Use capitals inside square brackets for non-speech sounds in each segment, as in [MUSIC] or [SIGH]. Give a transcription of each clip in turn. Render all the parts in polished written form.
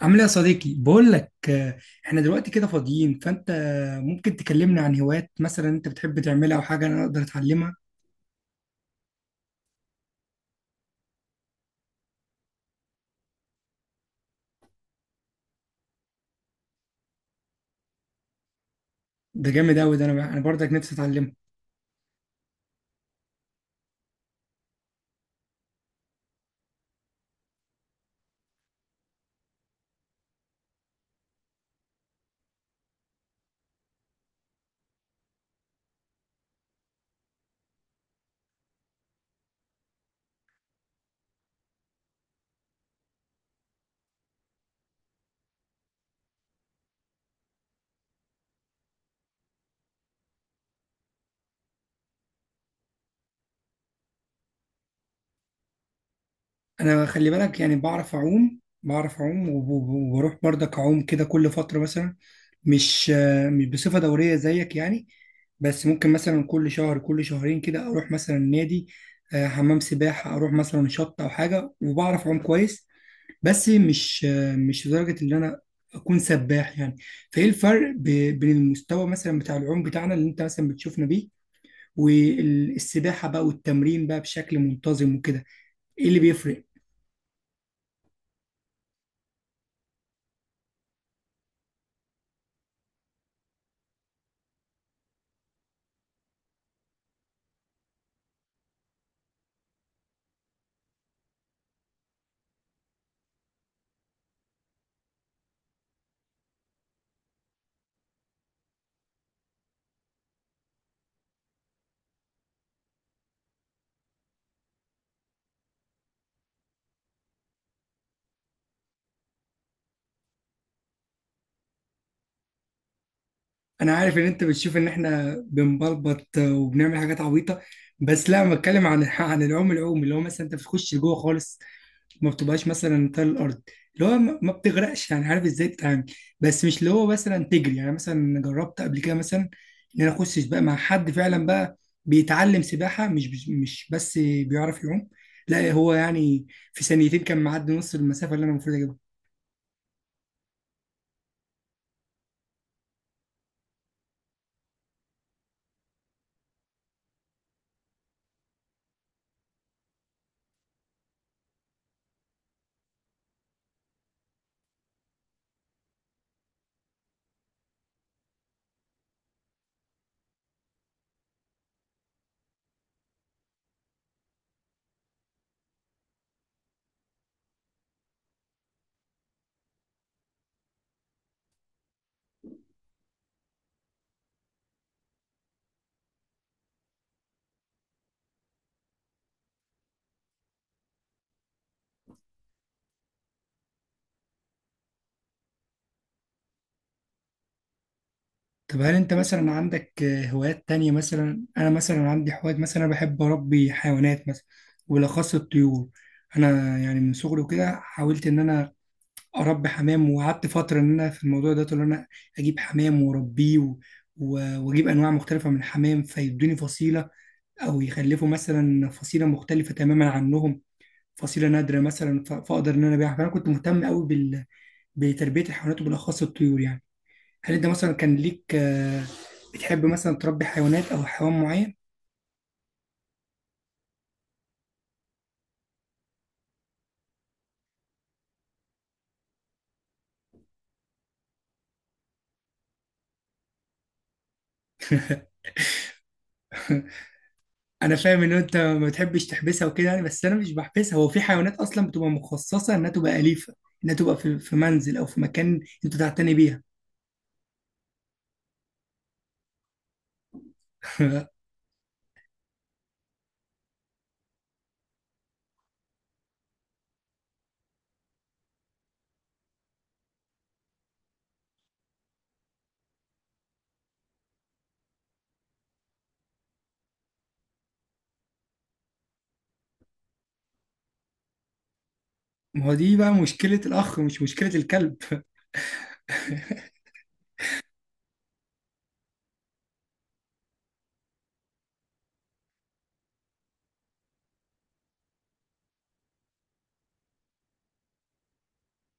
عامل ايه يا صديقي؟ بقول لك، احنا دلوقتي كده فاضيين، فانت ممكن تكلمنا عن هوايات مثلا انت بتحب تعملها او حاجه انا اقدر اتعلمها. ده جامد قوي، ده انا برضك نفسي اتعلمها. انا خلي بالك، يعني بعرف اعوم بعرف اعوم وبروح برضك اعوم كده كل فتره مثلا، مش بصفه دوريه زيك يعني، بس ممكن مثلا كل شهر كل شهرين كده اروح مثلا نادي، حمام سباحه، اروح مثلا شط او حاجه وبعرف اعوم كويس، بس مش لدرجة إن أنا أكون سباح يعني. فإيه الفرق بين المستوى مثلا بتاع العوم بتاعنا اللي أنت مثلا بتشوفنا بيه، والسباحة بقى والتمرين بقى بشكل منتظم وكده، إيه اللي بيفرق؟ أنا عارف إن أنت بتشوف إن إحنا بنبلبط وبنعمل حاجات عبيطة، بس لا، أنا بتكلم عن العوم، العوم اللي هو مثلا أنت بتخش لجوه خالص، ما بتبقاش مثلا تل الارض، اللي هو ما بتغرقش يعني، عارف ازاي تتعامل، بس مش اللي هو مثلا تجري. يعني مثلا جربت قبل كده مثلا ان انا اخش سباق مع حد فعلا بقى بيتعلم سباحه، مش بس بيعرف يعوم، لا، هو يعني في ثانيتين كان معدي نص المسافه اللي انا المفروض اجيبها. طب هل انت مثلا عندك هوايات تانية؟ مثلا انا مثلا عندي هوايات، مثلا انا بحب اربي حيوانات مثلا، وبالاخص الطيور. انا يعني من صغري وكده حاولت ان انا اربي حمام، وقعدت فتره ان انا في الموضوع ده ان انا اجيب حمام واربيه واجيب انواع مختلفه من الحمام فيدوني فصيله، او يخلفوا مثلا فصيله مختلفه تماما عنهم، فصيله نادره مثلا، فاقدر ان انا ابيعها، فانا كنت مهتم قوي بتربيه الحيوانات وبالاخص الطيور يعني. هل انت مثلا كان ليك بتحب مثلا تربي حيوانات او حيوان معين؟ [LAUGHS] انا فاهم ان انت ما بتحبش تحبسها وكده يعني، بس انا مش بحبسها، هو في حيوانات اصلا بتبقى مخصصه انها تبقى اليفه، انها تبقى في منزل او في مكان انت تعتني بيها [LAUGHS] ما هو دي بقى مشكله الاخ، مش مشكله الكلب [LAUGHS]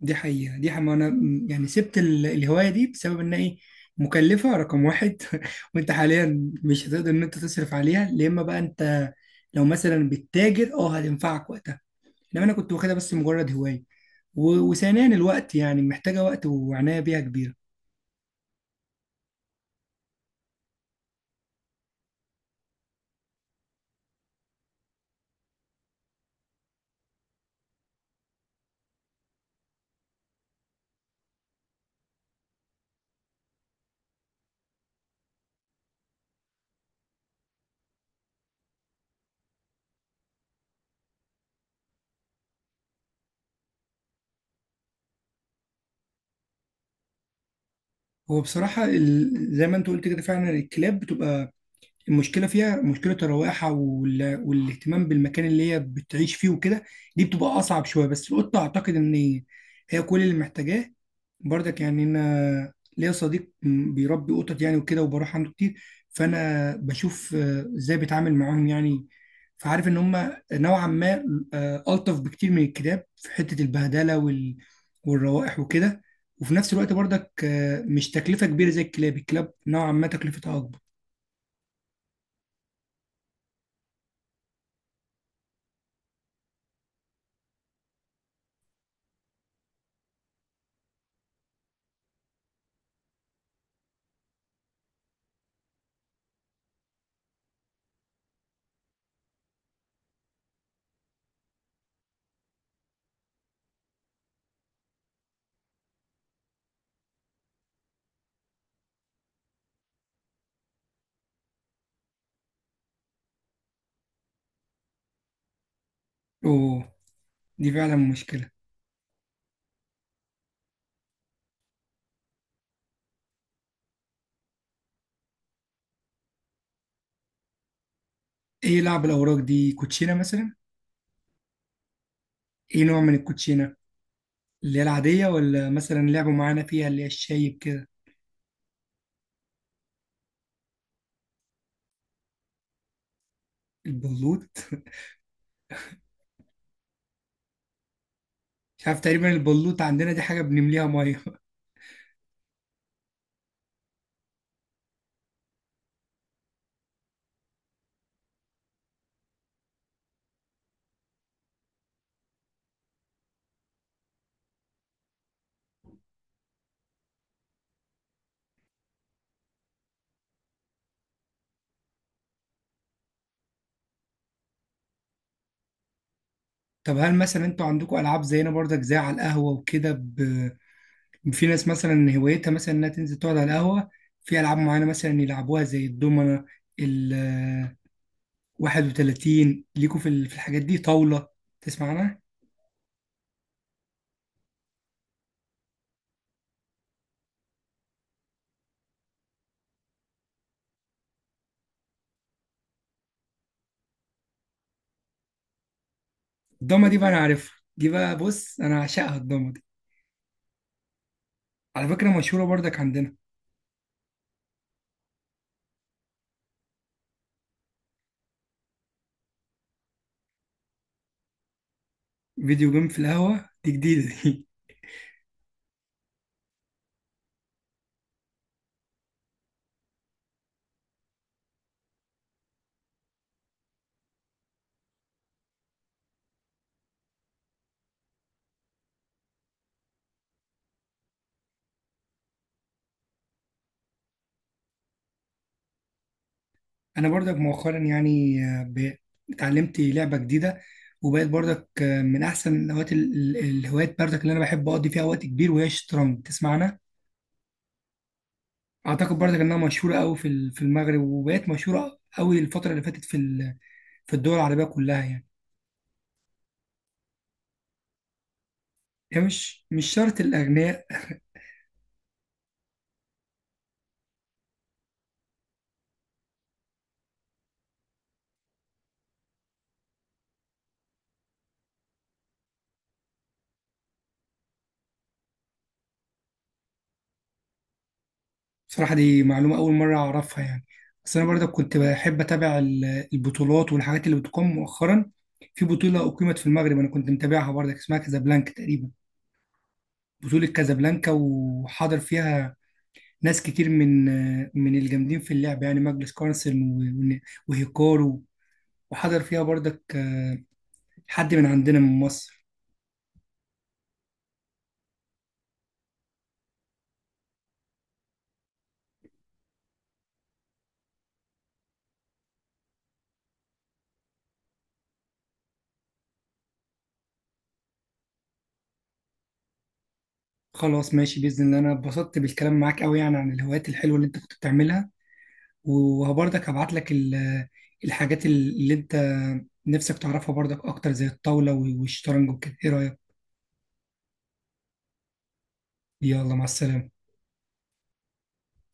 دي حقيقه، دي حقيقة. ما انا يعني سبت الهوايه دي بسبب ان ايه، مكلفه رقم واحد [LAUGHS] وانت حاليا مش هتقدر ان انت تصرف عليها، يا اما بقى انت لو مثلا بتتاجر اه هتنفعك وقتها، انما انا كنت واخدها بس مجرد هوايه، وثانيا الوقت، يعني محتاجه وقت وعنايه بيها كبيره. هو بصراحة زي ما انت قلت كده فعلا الكلاب بتبقى المشكله فيها مشكله الروائح والاهتمام بالمكان اللي هي بتعيش فيه وكده. دي بتبقى اصعب شويه، بس القطه اعتقد ان هي كل اللي محتاجاه برضك يعني. انا ليا صديق بيربي قطط يعني وكده، وبروح عنده كتير، فانا بشوف ازاي بيتعامل معاهم يعني، فعارف ان هم نوعا ما الطف بكتير من الكلاب في حته البهدله والروائح وكده. وفي نفس الوقت برضك مش تكلفه كبيره زي الكلاب، الكلاب نوعا ما تكلفتها اكبر. اوه، دي فعلا مشكلة. ايه، لعب الأوراق دي كوتشينة مثلا؟ ايه نوع من الكوتشينة؟ اللي هي العادية، ولا مثلا لعبوا معانا فيها اللي هي الشايب كده؟ البلوط. [LAUGHS] مش عارف تقريبا، البلوط عندنا دي حاجة بنمليها 100 [LAUGHS] طب هل مثلا انتوا عندكم ألعاب زينا برضك، زي على القهوة وكده في ناس مثلا هوايتها مثلا انها تنزل تقعد على القهوة، في ألعاب معانا مثلا يلعبوها زي الدومنة، ال 31 ليكوا في في الحاجات دي، طاولة، تسمع عنها؟ الضمة دي بقى أنا عارفها، دي بقى بص أنا عاشقها الضمة، على فكرة مشهورة برضك عندنا. فيديو جيم في القهوة؟ دي جديدة دي. [LAUGHS] أنا برضك مؤخرا يعني اتعلمت لعبة جديدة، وبقت برضك من أحسن الهوايات، الهوايات برضك اللي أنا بحب أقضي فيها وقت كبير، وهي الشطرنج، تسمعنا؟ أعتقد برضك إنها مشهورة أوي في في المغرب، وبقت مشهورة أوي الفترة اللي فاتت في في الدول العربية كلها يعني. هي مش شرط الأغنياء. بصراحة دي معلومة أول مرة أعرفها يعني، بس أنا برضه كنت بحب أتابع البطولات والحاجات اللي بتقام مؤخرا. في بطولة أقيمت في المغرب أنا كنت متابعها برضه، اسمها كازابلانكا تقريبا، بطولة كازابلانكا، وحاضر فيها ناس كتير من الجامدين في اللعب يعني، ماجلس كارلسن وهيكارو، وحضر فيها برضك حد من عندنا من مصر. خلاص ماشي، بإذن الله، أنا اتبسطت بالكلام معاك أوي يعني عن الهوايات الحلوة اللي أنت كنت بتعملها، وبرضك هبعت لك الحاجات اللي انت نفسك تعرفها برضك اكتر زي الطاولة والشطرنج وكده، ايه رأيك؟ يلا مع السلامة.